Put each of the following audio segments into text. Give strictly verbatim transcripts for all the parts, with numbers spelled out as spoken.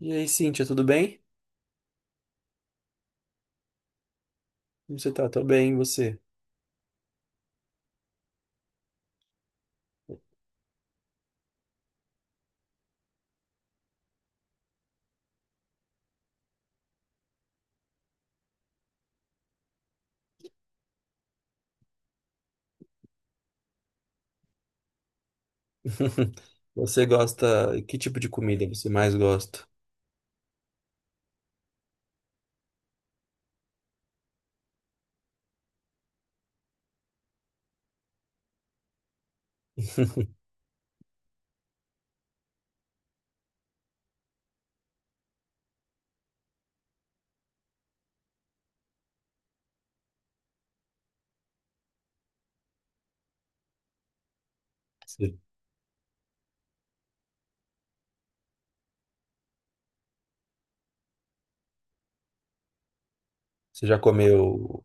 E aí, Cíntia, tudo bem? Como você tá? Tô bem, e você? Você gosta... Que tipo de comida você mais gosta? Você você já comeu...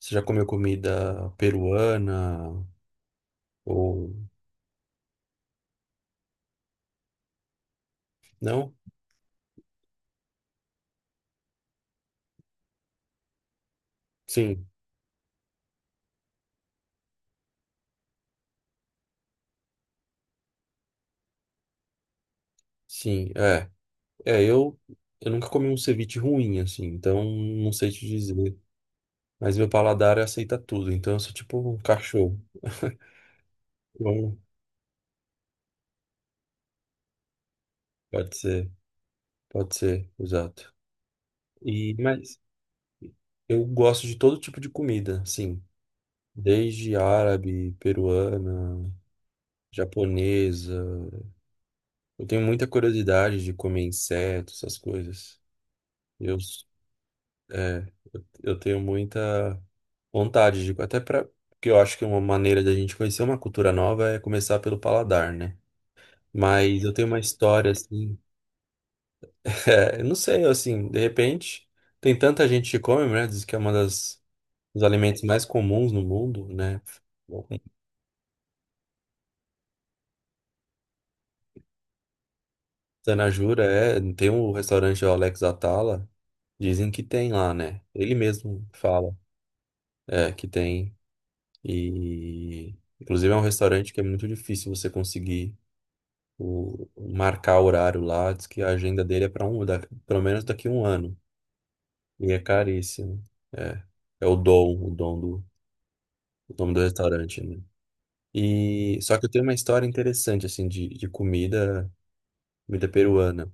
Você já comeu comida peruana? Ou... Não? Sim, sim, é. É, eu... Eu nunca comi um ceviche ruim, assim, então não sei te dizer. Mas meu paladar aceita tudo, então eu sou tipo um cachorro. Bom, pode ser, pode ser, exato. E, mas... Eu gosto de todo tipo de comida, sim. Desde árabe, peruana, japonesa. Eu tenho muita curiosidade de comer insetos, essas coisas. Eu, é, eu tenho muita vontade de, até para, porque eu acho que uma maneira da gente conhecer uma cultura nova é começar pelo paladar, né? Mas eu tenho uma história assim, é, eu não sei, assim, de repente tem tanta gente que come, né? Diz que é uma das dos alimentos mais comuns no mundo, né? Zanajura, é, tem um restaurante o Alex Atala, dizem que tem lá, né? Ele mesmo fala, é, que tem. E inclusive é um restaurante que é muito difícil você conseguir o, marcar horário lá, diz que a agenda dele é para um, da, pelo menos daqui a um ano. E é caríssimo. É, é o Dom, o Dom do, o nome do restaurante, né? E só que eu tenho uma história interessante assim de, de comida, comida peruana.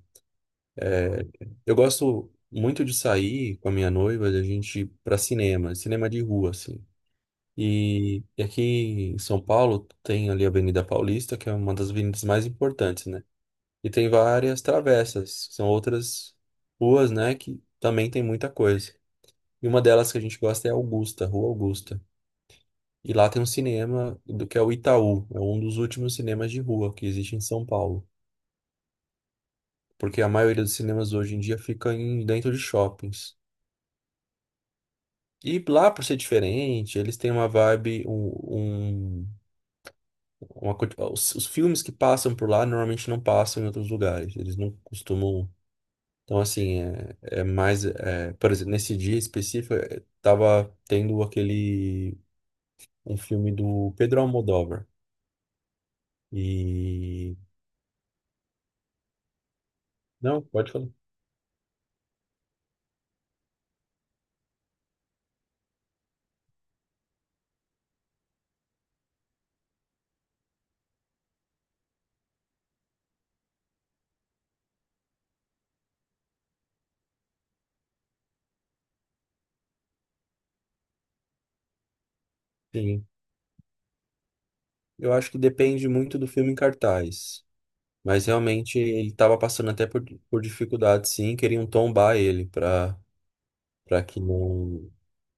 Eu gosto muito de sair com a minha noiva, a gente ir pra cinema, cinema de rua, assim. E, e aqui em São Paulo tem ali a Avenida Paulista, que é uma das avenidas mais importantes, né? E tem várias travessas, são outras ruas, né, que também tem muita coisa. E uma delas que a gente gosta é Augusta, Rua Augusta. E lá tem um cinema do que é o Itaú, é um dos últimos cinemas de rua que existe em São Paulo. Porque a maioria dos cinemas hoje em dia fica em, dentro de shoppings. E lá, por ser diferente, eles têm uma vibe, um, um- uma, co- os, os filmes que passam por lá normalmente não passam em outros lugares. Eles não costumam. Então, assim, é, é mais. é, por exemplo, nesse dia específico, é, tava tendo aquele. Um filme do Pedro Almodóvar. E. Não, pode falar. Sim. Eu acho que depende muito do filme em cartaz. Mas realmente ele estava passando até por, por dificuldade, sim. Queriam tombar ele para para que não.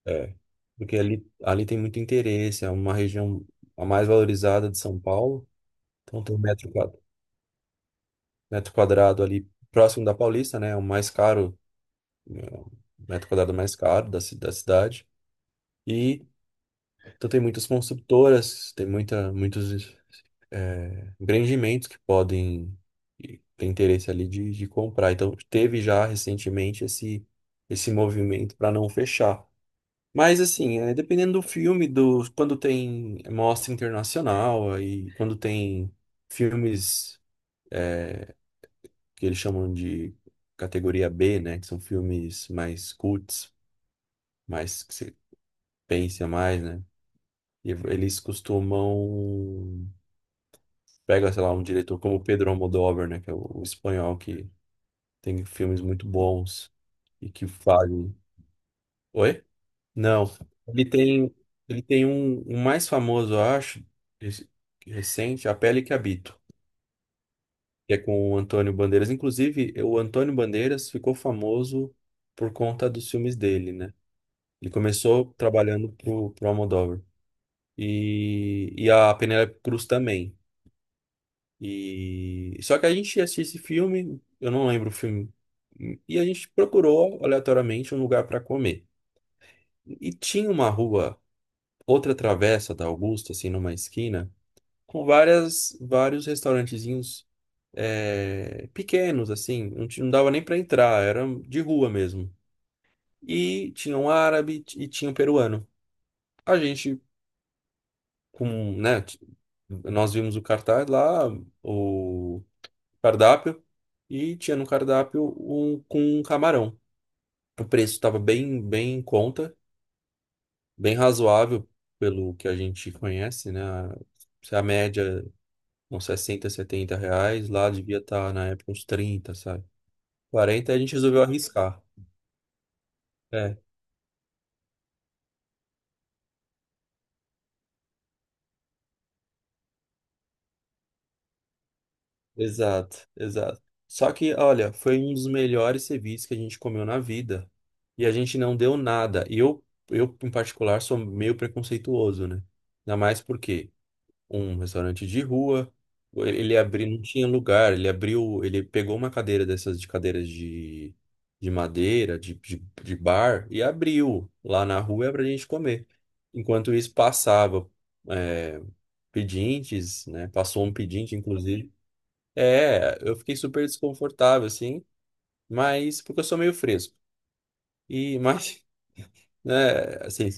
É, porque ali, ali tem muito interesse, é uma região a mais valorizada de São Paulo, então tem um metro quadrado, metro quadrado ali próximo da Paulista, né, é o mais caro, né, o metro quadrado mais caro da, ci- da cidade, e então tem muitas construtoras, tem muita, muitos é, empreendimentos que podem ter interesse ali de, de comprar, então teve já recentemente esse, esse movimento para não fechar. Mas assim, é, dependendo do filme, do quando tem mostra internacional, aí quando tem filmes que eles chamam de categoria B, né, que são filmes mais cults, mais que você pensa mais, né? E eles costumam pega, sei lá, um diretor como Pedro Almodóvar, né, que é o, o espanhol que tem filmes muito bons e que fazem. Oi? Não. Ele tem, ele tem um, um mais famoso, eu acho, esse- recente, A Pele que Habito, que é com o Antônio Bandeiras. Inclusive, o Antônio Bandeiras ficou famoso por conta dos filmes dele, né? Ele começou trabalhando pro, pro Almodóvar. E, e a Penélope Cruz também. E, só que a gente assistiu esse filme, eu não lembro o filme, e a gente procurou aleatoriamente um lugar para comer. E tinha uma rua. Outra travessa da Augusta, assim, numa esquina, com várias, vários restaurantezinhos é, pequenos, assim, não, ti- não dava nem para entrar, era de rua mesmo. E tinha um árabe e tinha um peruano. A gente, com, né, t- nós vimos o cartaz lá, o cardápio, e tinha no cardápio um com um camarão. O preço estava bem, bem em conta, bem razoável pelo que a gente conhece, né? Se a média uns sessenta, setenta reais, lá devia estar na época uns trinta, sabe? Quarenta a gente resolveu arriscar. É, exato, exato. Só que, olha, foi um dos melhores serviços que a gente comeu na vida. E a gente não deu nada. E eu, eu, em particular, sou meio preconceituoso, né? Ainda mais porque um restaurante de rua. Ele, ele abriu, não tinha lugar. Ele abriu, ele pegou uma cadeira dessas de cadeiras de, de madeira, de, de, de bar, e abriu lá na rua pra gente comer. Enquanto isso, passava é, pedintes, né? Passou um pedinte, inclusive. É, eu fiquei super desconfortável, assim, mas porque eu sou meio fresco. E, mas, né, assim,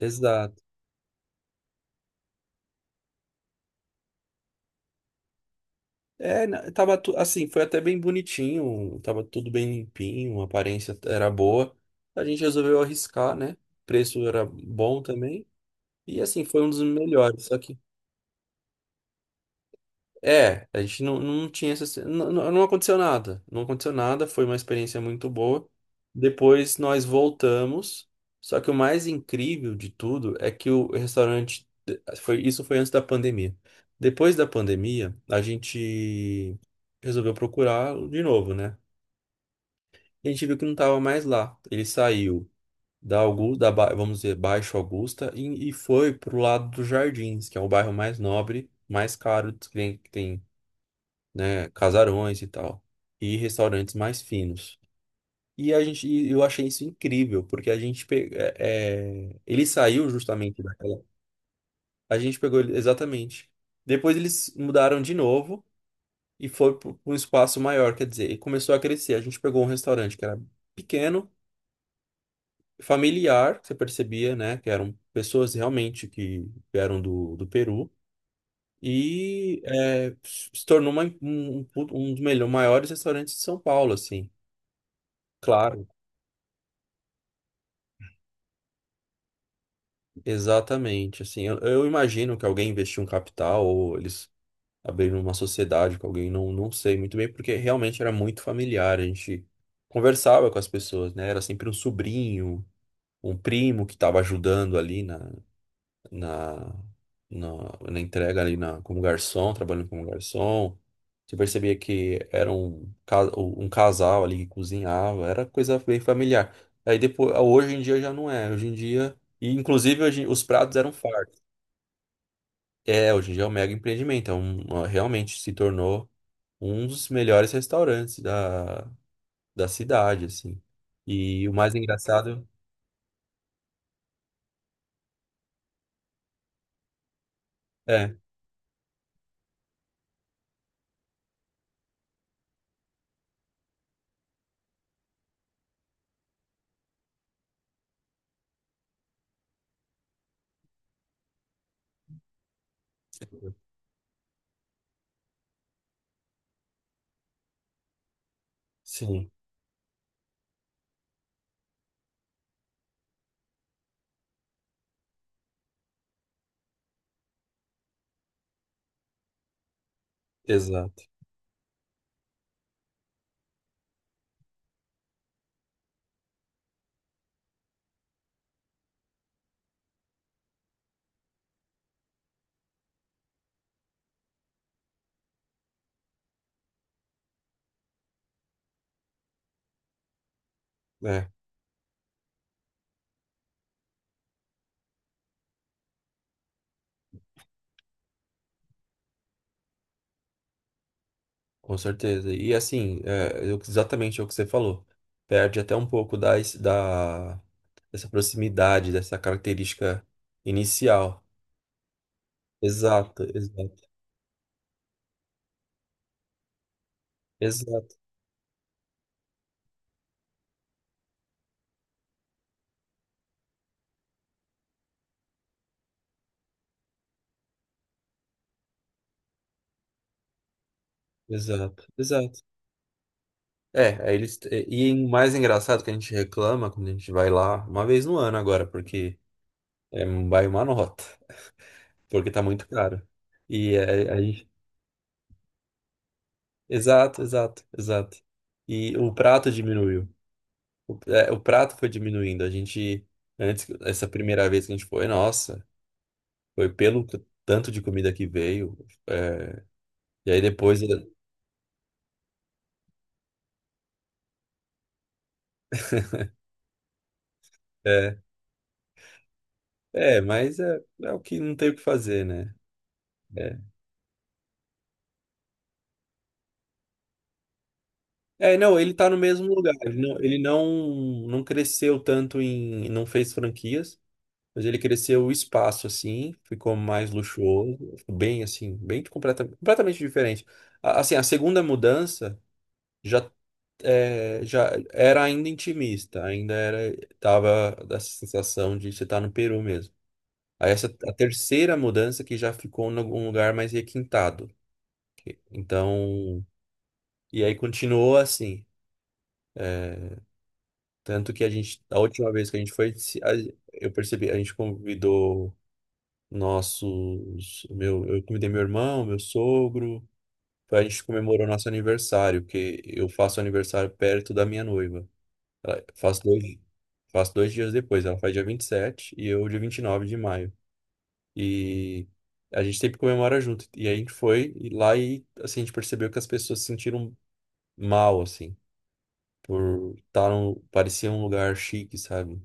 exato. É, na- tava tu- assim, foi até bem bonitinho, tava tudo bem limpinho, a aparência era boa. A gente resolveu arriscar, né? O preço era bom também. E assim, foi um dos melhores. Só que é, a gente não, não tinha essa. Não, não não aconteceu nada. Não aconteceu nada, foi uma experiência muito boa. Depois nós voltamos. Só que o mais incrível de tudo é que o restaurante. Foi, isso foi antes da pandemia. Depois da pandemia, a gente resolveu procurar de novo, né? E a gente viu que não estava mais lá. Ele saiu da Augusta, da, Ba- vamos dizer, Baixo Augusta, e, e foi pro lado dos Jardins, que é o bairro mais nobre, mais caro que tem, né, casarões e tal, e restaurantes mais finos. E a gente, e eu achei isso incrível, porque a gente pe- é, é, ele saiu justamente daquela. A gente pegou ele exatamente. Depois eles mudaram de novo e foi para um espaço maior, quer dizer, e começou a crescer. A gente pegou um restaurante que era pequeno, familiar, você percebia, né, que eram pessoas realmente que vieram do, do Peru. E é, se tornou uma- um, um, um dos melhores, maiores restaurantes de São Paulo, assim. Claro. Exatamente, assim, eu, eu imagino que alguém investiu um capital ou eles abriram uma sociedade com alguém, não, não sei muito bem, porque realmente era muito familiar, a gente conversava com as pessoas, né? Era sempre um sobrinho, um primo que estava ajudando ali na, na, na, na entrega ali na, como garçom, trabalhando como garçom. Você percebia que era um, ca- um casal ali que cozinhava, era coisa bem familiar. Aí depois, hoje em dia já não é, hoje em dia... E, inclusive, hoje, os pratos eram fartos. É, hoje em dia é um mega empreendimento, é um, uma- realmente se tornou um dos melhores restaurantes da, da cidade, assim. E o mais engraçado é, sim, exato, é, com certeza. E assim, é, eu- exatamente o que você falou, perde até um pouco da, da, dessa proximidade, dessa característica inicial. Exato, exato, exato, exato, exato. É, aí eles. E o mais engraçado que a gente reclama quando a gente vai lá, uma vez no ano agora, porque é, vai uma nota, porque tá muito caro. E é, a gente. Exato, exato, exato. E o prato diminuiu. O, é, o prato foi diminuindo. A gente. Antes, essa primeira vez que a gente foi, nossa, foi pelo c- tanto de comida que veio. É, e aí depois. É, é, mas é, é o que não tem o que fazer, né? É, É, não, ele tá no mesmo lugar. Ele não, ele não, não cresceu tanto em, não fez franquias, mas ele cresceu o espaço assim, ficou mais luxuoso, ficou bem assim, bem completamente, completamente diferente. A- Assim, a segunda mudança já é, já era ainda intimista, ainda era tava dessa sensação de você estar no Peru mesmo. Aí essa a terceira mudança que já ficou em algum lugar mais requintado. Então, e aí continuou assim. Tanto que a gente, a última vez que a gente foi, se- a- eu percebi, a gente convidou nossos, meu, eu convidei meu irmão, meu sogro, a gente comemorou nosso aniversário, porque eu faço aniversário perto da minha noiva. Ela, faço dois, faço dois dias depois, ela faz dia vinte e sete e eu dia vinte e nove de maio. E a gente sempre comemora junto. E a gente foi e lá e assim, a gente percebeu que as pessoas se sentiram mal, assim, por estar num, parecia um lugar chique, sabe?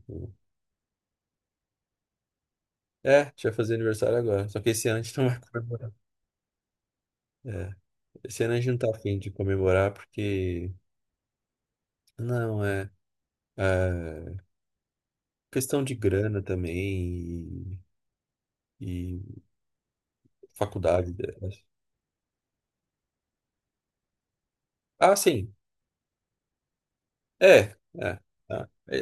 É, a gente vai fazer aniversário agora. Só que esse ano a gente não vai comemorar. É, esse ano a gente não tá afim de comemorar porque. Não, é. É, questão de grana também e, e faculdade. Né? Ah, sim. É, é, tá. É,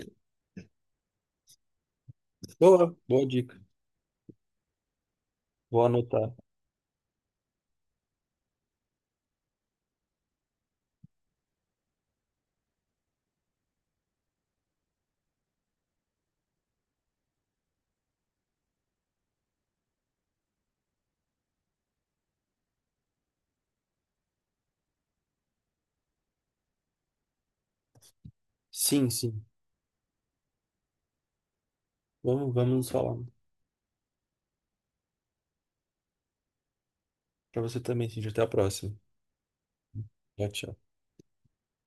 boa, boa dica. Vou anotar. Sim, sim. Vamos, vamos nos falar. Pra você também, sim. Até a próxima. Tchau, tchau.